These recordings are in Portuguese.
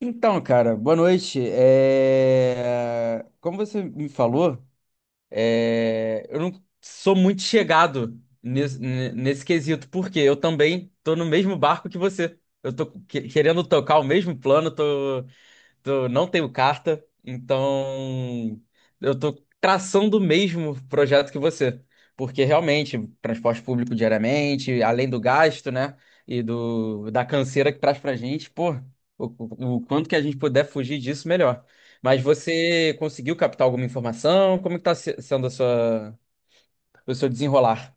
Então, cara, boa noite. Como você me falou, eu não sou muito chegado nesse quesito, porque eu também tô no mesmo barco que você. Eu tô querendo tocar o mesmo plano, não tenho carta, então eu tô traçando o mesmo projeto que você. Porque realmente, transporte público diariamente, além do gasto, né? E da canseira que traz pra gente, pô, o, o quanto que a gente puder fugir disso, melhor. Mas você conseguiu captar alguma informação? Como que tá sendo a o seu desenrolar?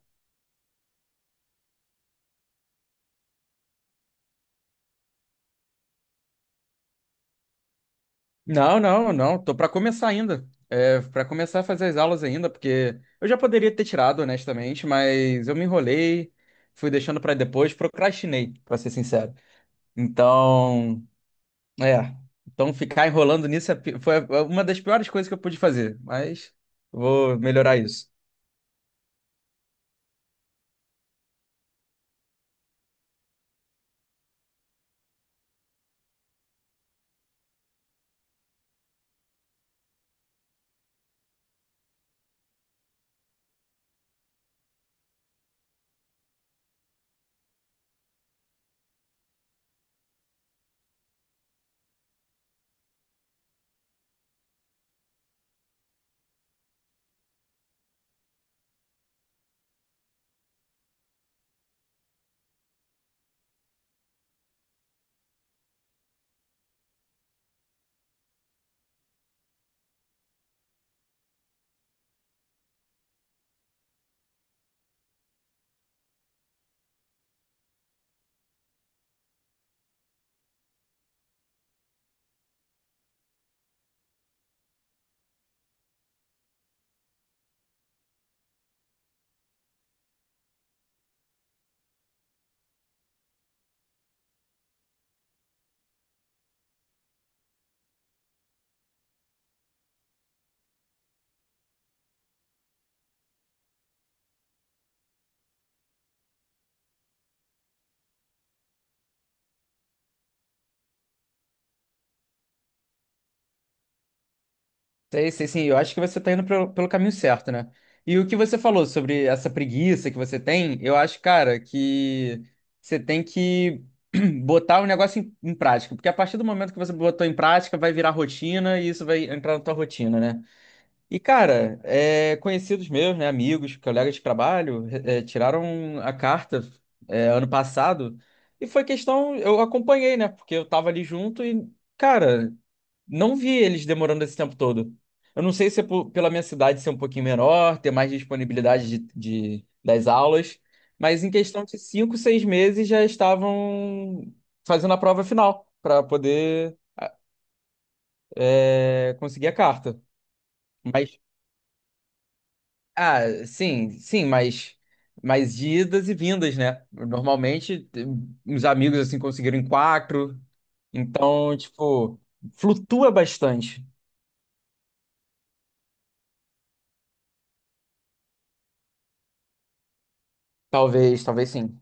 Não, não, não. Tô para começar ainda. Para começar a fazer as aulas ainda, porque eu já poderia ter tirado, honestamente, mas eu me enrolei, fui deixando para depois, procrastinei, para ser sincero. Então, é, então ficar enrolando nisso foi uma das piores coisas que eu pude fazer, mas vou melhorar isso. Sei, sei, sim. Eu acho que você tá indo pelo caminho certo, né? E o que você falou sobre essa preguiça que você tem, eu acho, cara, que você tem que botar o negócio em prática. Porque a partir do momento que você botou em prática, vai virar rotina e isso vai entrar na tua rotina, né? E, cara, conhecidos meus, né, amigos, colegas de trabalho, tiraram a carta, ano passado e foi questão, eu acompanhei, né, porque eu tava ali junto e, cara, não vi eles demorando esse tempo todo. Eu não sei se é pela minha cidade ser um pouquinho menor, ter mais disponibilidade das aulas, mas em questão de cinco, seis meses já estavam fazendo a prova final para poder, conseguir a carta. Mas Ah, sim, sim, mas de idas e vindas, né? Normalmente, os amigos assim conseguiram em quatro, então, tipo, flutua bastante. Talvez, talvez sim.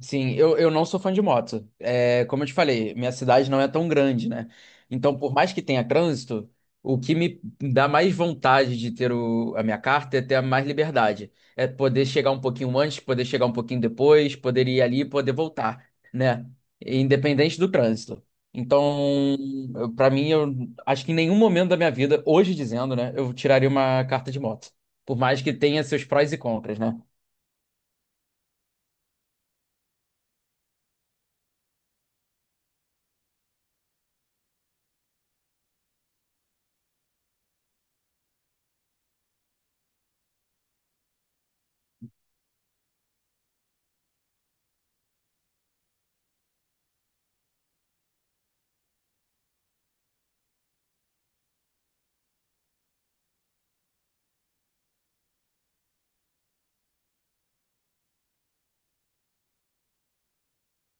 Sim, eu não sou fã de moto. É, como eu te falei, minha cidade não é tão grande, né? Então, por mais que tenha trânsito, o que me dá mais vontade de ter a minha carta é ter mais liberdade. É poder chegar um pouquinho antes, poder chegar um pouquinho depois, poder ir ali e poder voltar, né? Independente do trânsito. Então, pra mim, eu acho que em nenhum momento da minha vida, hoje dizendo, né, eu tiraria uma carta de moto. Por mais que tenha seus prós e contras, né?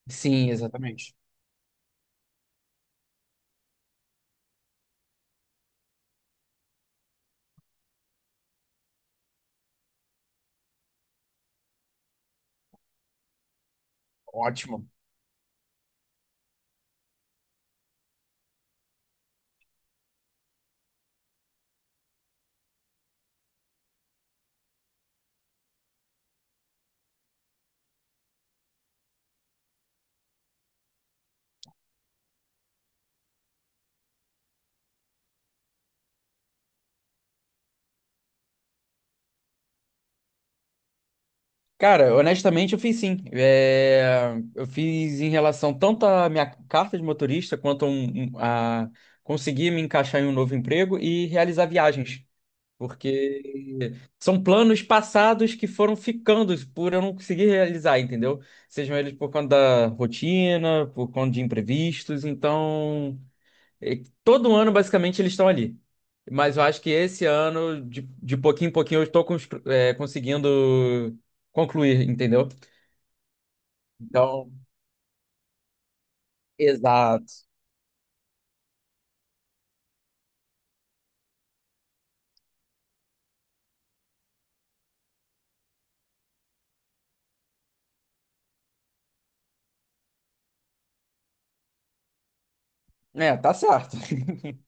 Sim, exatamente. Ótimo. Cara, honestamente, eu fiz sim. É, eu fiz em relação tanto à minha carta de motorista quanto a conseguir me encaixar em um novo emprego e realizar viagens. Porque são planos passados que foram ficando por eu não conseguir realizar, entendeu? Sejam eles por conta da rotina, por conta de imprevistos. Então, todo ano, basicamente, eles estão ali. Mas eu acho que esse ano, de pouquinho em pouquinho, eu estou conseguindo concluir, entendeu? Então, exato. É, tá certo.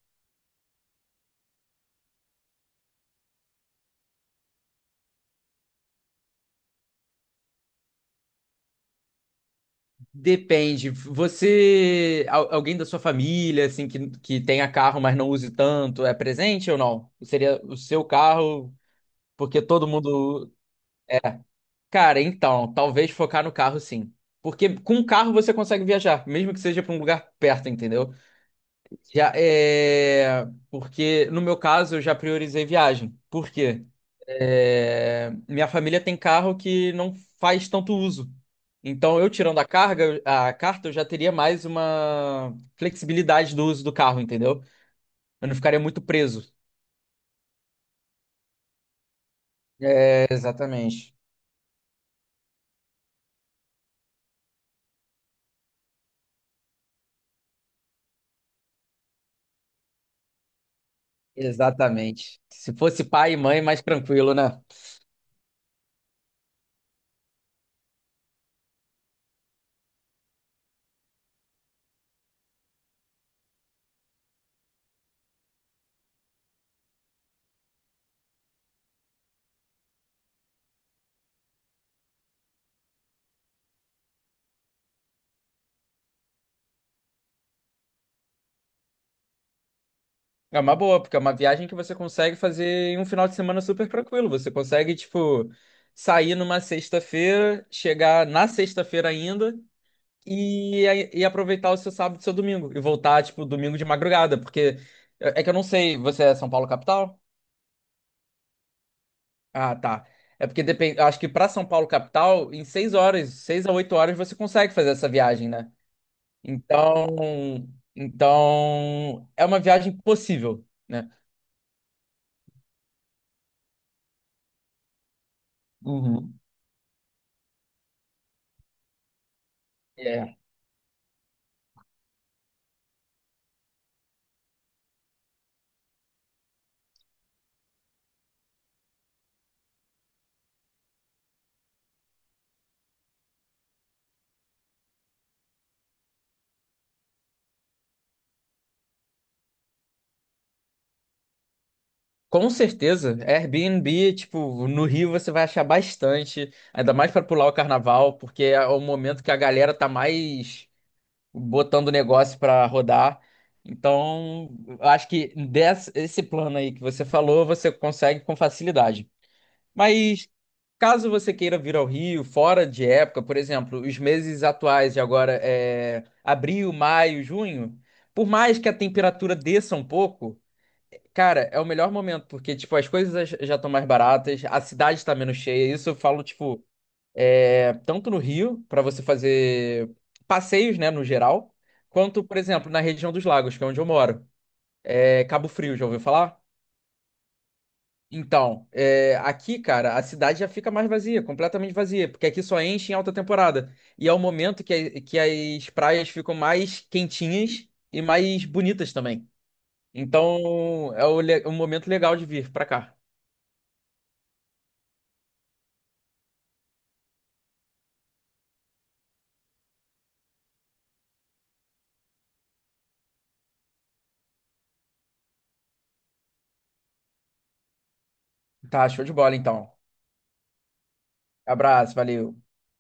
Depende. Você, alguém da sua família, assim, que tenha carro, mas não use tanto, é presente ou não? Seria o seu carro, porque todo mundo. Cara, então, talvez focar no carro, sim. Porque com o carro você consegue viajar, mesmo que seja para um lugar perto, entendeu? Já é. Porque no meu caso eu já priorizei viagem. Por quê? É, minha família tem carro que não faz tanto uso. Então, eu tirando a carta, eu já teria mais uma flexibilidade do uso do carro, entendeu? Eu não ficaria muito preso. É, exatamente. Exatamente. Se fosse pai e mãe, mais tranquilo, né? É uma boa, porque é uma viagem que você consegue fazer em um final de semana super tranquilo. Você consegue, tipo, sair numa sexta-feira, chegar na sexta-feira ainda e aproveitar o seu sábado e seu domingo. E voltar, tipo, domingo de madrugada, porque que eu não sei, você é São Paulo capital? Ah, tá. É porque depende, acho que pra São Paulo capital, em seis horas, seis a oito horas você consegue fazer essa viagem, né? Então, então é uma viagem possível, né? Uhum. É. Com certeza, Airbnb, tipo, no Rio você vai achar bastante, ainda mais para pular o carnaval, porque é o momento que a galera tá mais botando o negócio para rodar. Então, eu acho esse plano aí que você falou, você consegue com facilidade. Mas caso você queira vir ao Rio, fora de época, por exemplo, os meses atuais de agora é abril, maio, junho, por mais que a temperatura desça um pouco, cara, é o melhor momento, porque tipo, as coisas já estão mais baratas, a cidade está menos cheia, isso eu falo, tipo, é, tanto no Rio, para você fazer passeios, né, no geral, quanto, por exemplo, na região dos lagos, que é onde eu moro. É Cabo Frio, já ouviu falar? Então, é, aqui, cara, a cidade já fica mais vazia, completamente vazia, porque aqui só enche em alta temporada. E é o momento que as praias ficam mais quentinhas e mais bonitas também. Então, é o um momento legal de vir pra cá. Tá, show de bola, então. Abraço, valeu.